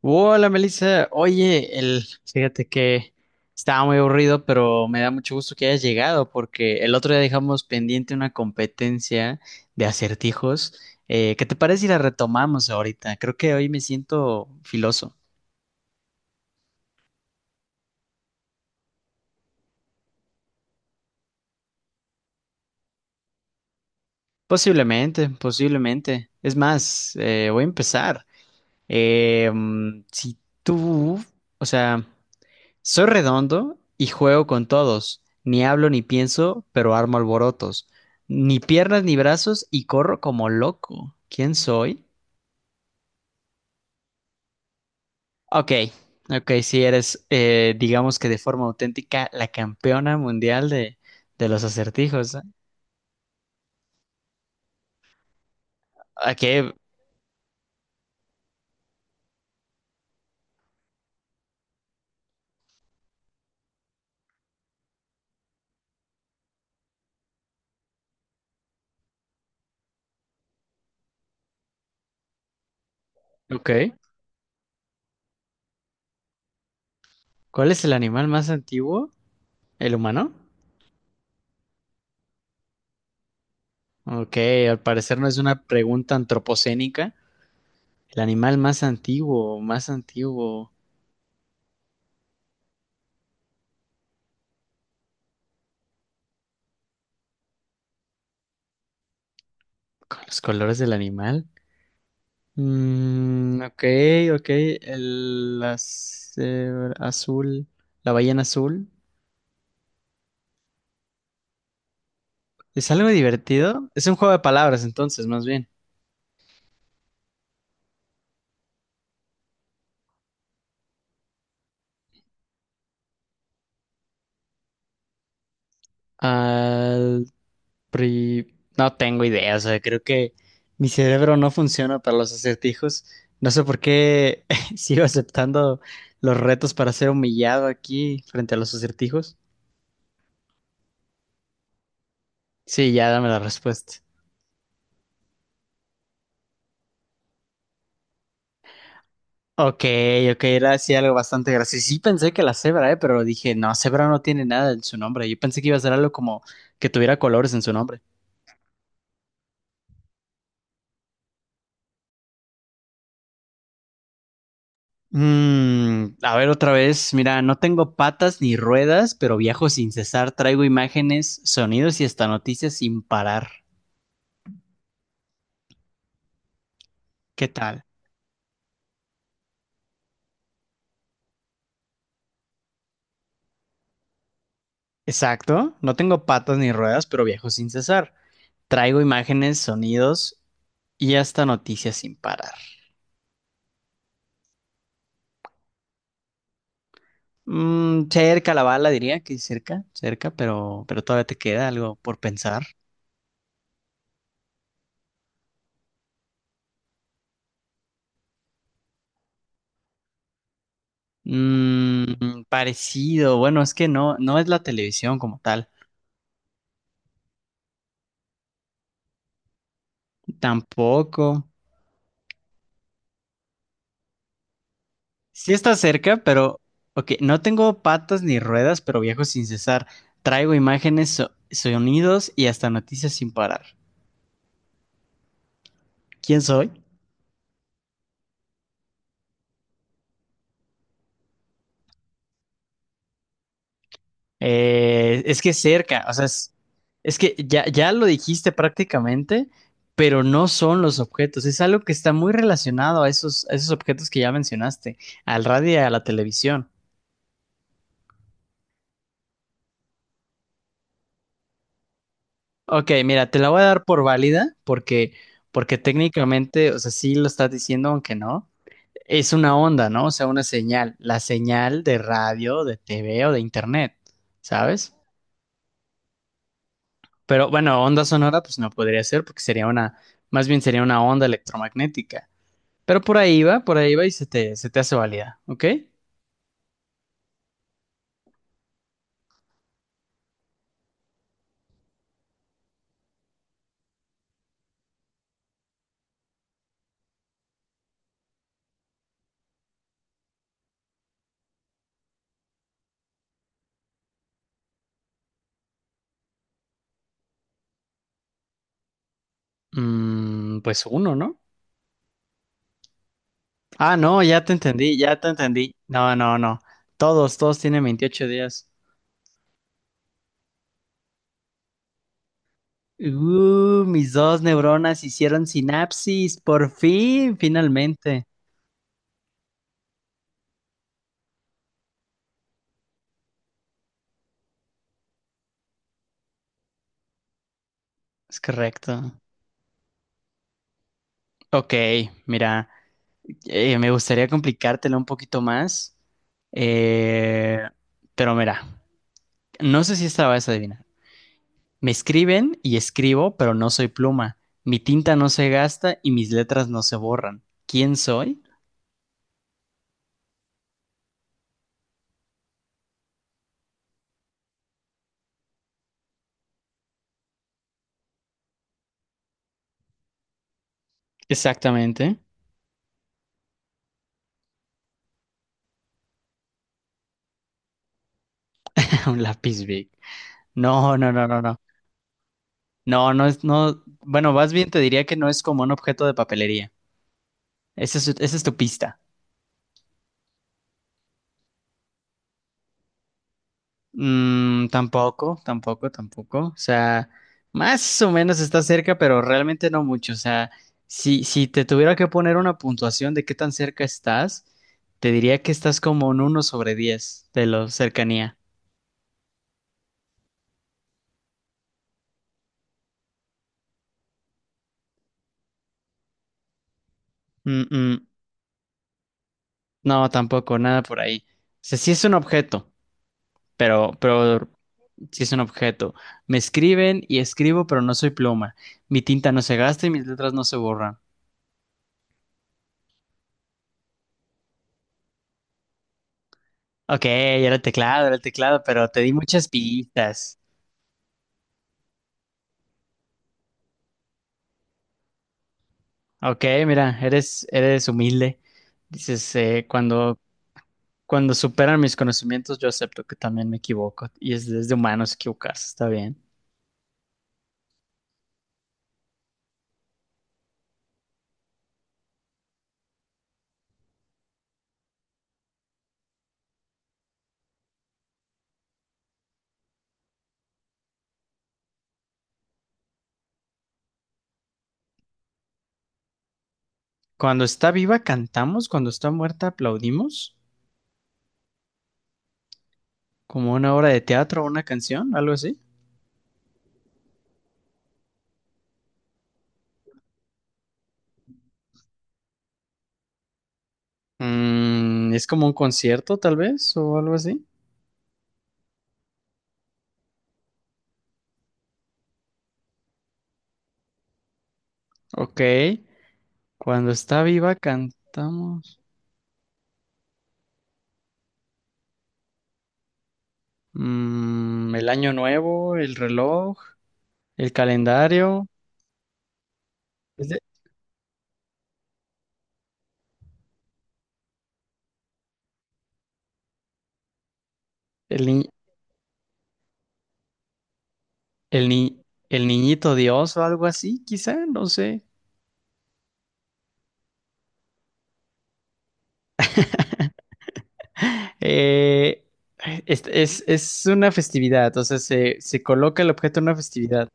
Hola Melissa, oye, fíjate que estaba muy aburrido, pero me da mucho gusto que hayas llegado porque el otro día dejamos pendiente una competencia de acertijos. ¿Qué te parece si la retomamos ahorita? Creo que hoy me siento filoso. Posiblemente, posiblemente. Es más, voy a empezar. Si tú, o sea... Soy redondo y juego con todos. Ni hablo ni pienso, pero armo alborotos. Ni piernas ni brazos y corro como loco. ¿Quién soy? Ok, ok, si eres, digamos que de forma auténtica, la campeona mundial de los acertijos. Ok, ok. ¿Cuál es el animal más antiguo? ¿El humano? Ok, al parecer no es una pregunta antropocénica. El animal más antiguo, con los colores del animal. Mm, ok, ok. Azul, la ballena azul. ¿Es algo divertido? Es un juego de palabras, entonces, más bien. Al pri- No tengo idea, o sea, creo que mi cerebro no funciona para los acertijos. No sé por qué sigo aceptando los retos para ser humillado aquí frente a los acertijos. Sí, ya dame la respuesta. Ok, ok, era sí algo bastante gracioso. Sí pensé que la cebra, pero dije, no, cebra no tiene nada en su nombre. Yo pensé que iba a ser algo como que tuviera colores en su nombre. A ver otra vez, mira, no tengo patas ni ruedas, pero viajo sin cesar, traigo imágenes, sonidos y hasta noticias sin parar. ¿Qué tal? Exacto, no tengo patas ni ruedas, pero viajo sin cesar. Traigo imágenes, sonidos y hasta noticias sin parar. Cerca la bala, diría que cerca, cerca, pero todavía te queda algo por pensar. Parecido, bueno, es que no es la televisión como tal, tampoco. Sí está cerca, pero, ok, no tengo patas ni ruedas, pero viajo sin cesar. Traigo imágenes, sonidos y hasta noticias sin parar. ¿Quién soy? Es que cerca, o sea, es que ya, ya lo dijiste prácticamente, pero no son los objetos, es algo que está muy relacionado a esos objetos que ya mencionaste, al radio y a la televisión. Ok, mira, te la voy a dar por válida porque técnicamente, o sea, sí lo estás diciendo, aunque no. Es una onda, ¿no? O sea, una señal, la señal de radio, de TV o de internet, ¿sabes? Pero bueno, onda sonora, pues no podría ser porque sería una, más bien sería una onda electromagnética. Pero por ahí va y se te hace válida, ¿ok? Mm, pues uno, ¿no? Ah, no, ya te entendí, ya te entendí. No, no, no. Todos, todos tienen 28 días. Mis dos neuronas hicieron sinapsis, por fin, finalmente. Es correcto. Ok, mira, me gustaría complicártela un poquito más, eh, pero mira, no sé si esta la vas a adivinar. Me escriben y escribo, pero no soy pluma. Mi tinta no se gasta y mis letras no se borran. ¿Quién soy? Exactamente. Un lápiz big. No, no, no, no, no. No, no es, no. Bueno, más bien te diría que no es como un objeto de papelería. Esa es tu pista. Tampoco, tampoco, tampoco. O sea, más o menos está cerca, pero realmente no mucho. O sea, si te tuviera que poner una puntuación de qué tan cerca estás, te diría que estás como en uno sobre 10 de la cercanía. Mm, mm, no, tampoco, nada por ahí. O sea, sí es un objeto, pero sí es un objeto. Me escriben y escribo, pero no soy pluma. Mi tinta no se gasta y mis letras no se borran. Ok, era el teclado, pero te di muchas pistas. Ok, mira, eres humilde. Dices, cuando superan mis conocimientos, yo acepto que también me equivoco. Y es desde humanos equivocarse, está bien. Cuando está viva, cantamos. Cuando está muerta, aplaudimos. Como una obra de teatro o una canción, algo así. Es como un concierto, tal vez, o algo así. Ok. Cuando está viva, cantamos. El año nuevo, el reloj, el calendario. Es de- el, in- El ni- El niñito Dios o algo así, quizá, no sé. Eh, es una festividad, o sea, se coloca el objeto en una festividad.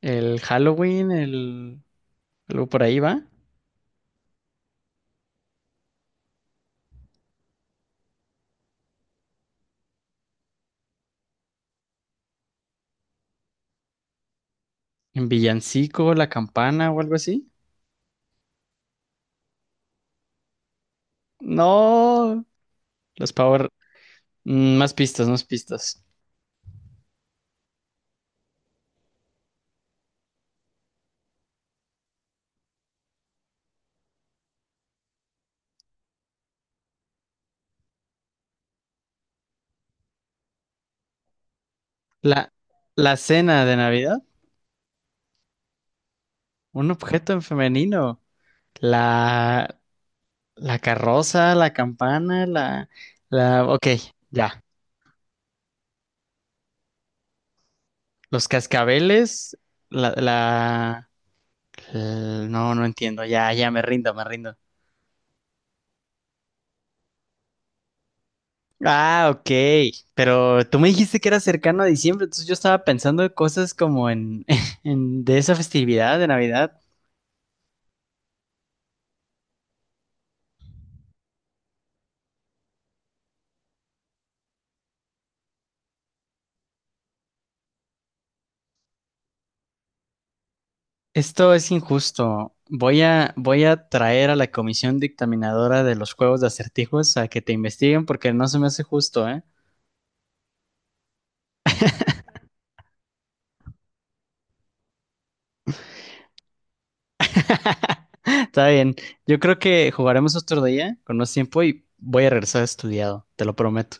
El Halloween, algo por ahí va. En villancico, la campana o algo así. No, los Power. Más pistas, más pistas. La, la cena de Navidad, un objeto en femenino. La, la carroza, la campana, ok, ya. Los cascabeles, la, la, no, no entiendo, ya, ya me rindo, me rindo. Ah, ok, pero tú me dijiste que era cercano a diciembre, entonces yo estaba pensando en cosas como en, en de esa festividad de Navidad. Esto es injusto. Voy a traer a la comisión dictaminadora de los juegos de acertijos a que te investiguen porque no se me hace justo, ¿eh? Está bien. Yo creo que jugaremos otro día con más tiempo y voy a regresar estudiado, te lo prometo.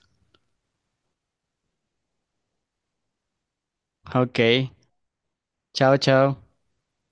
Ok, chao, chao.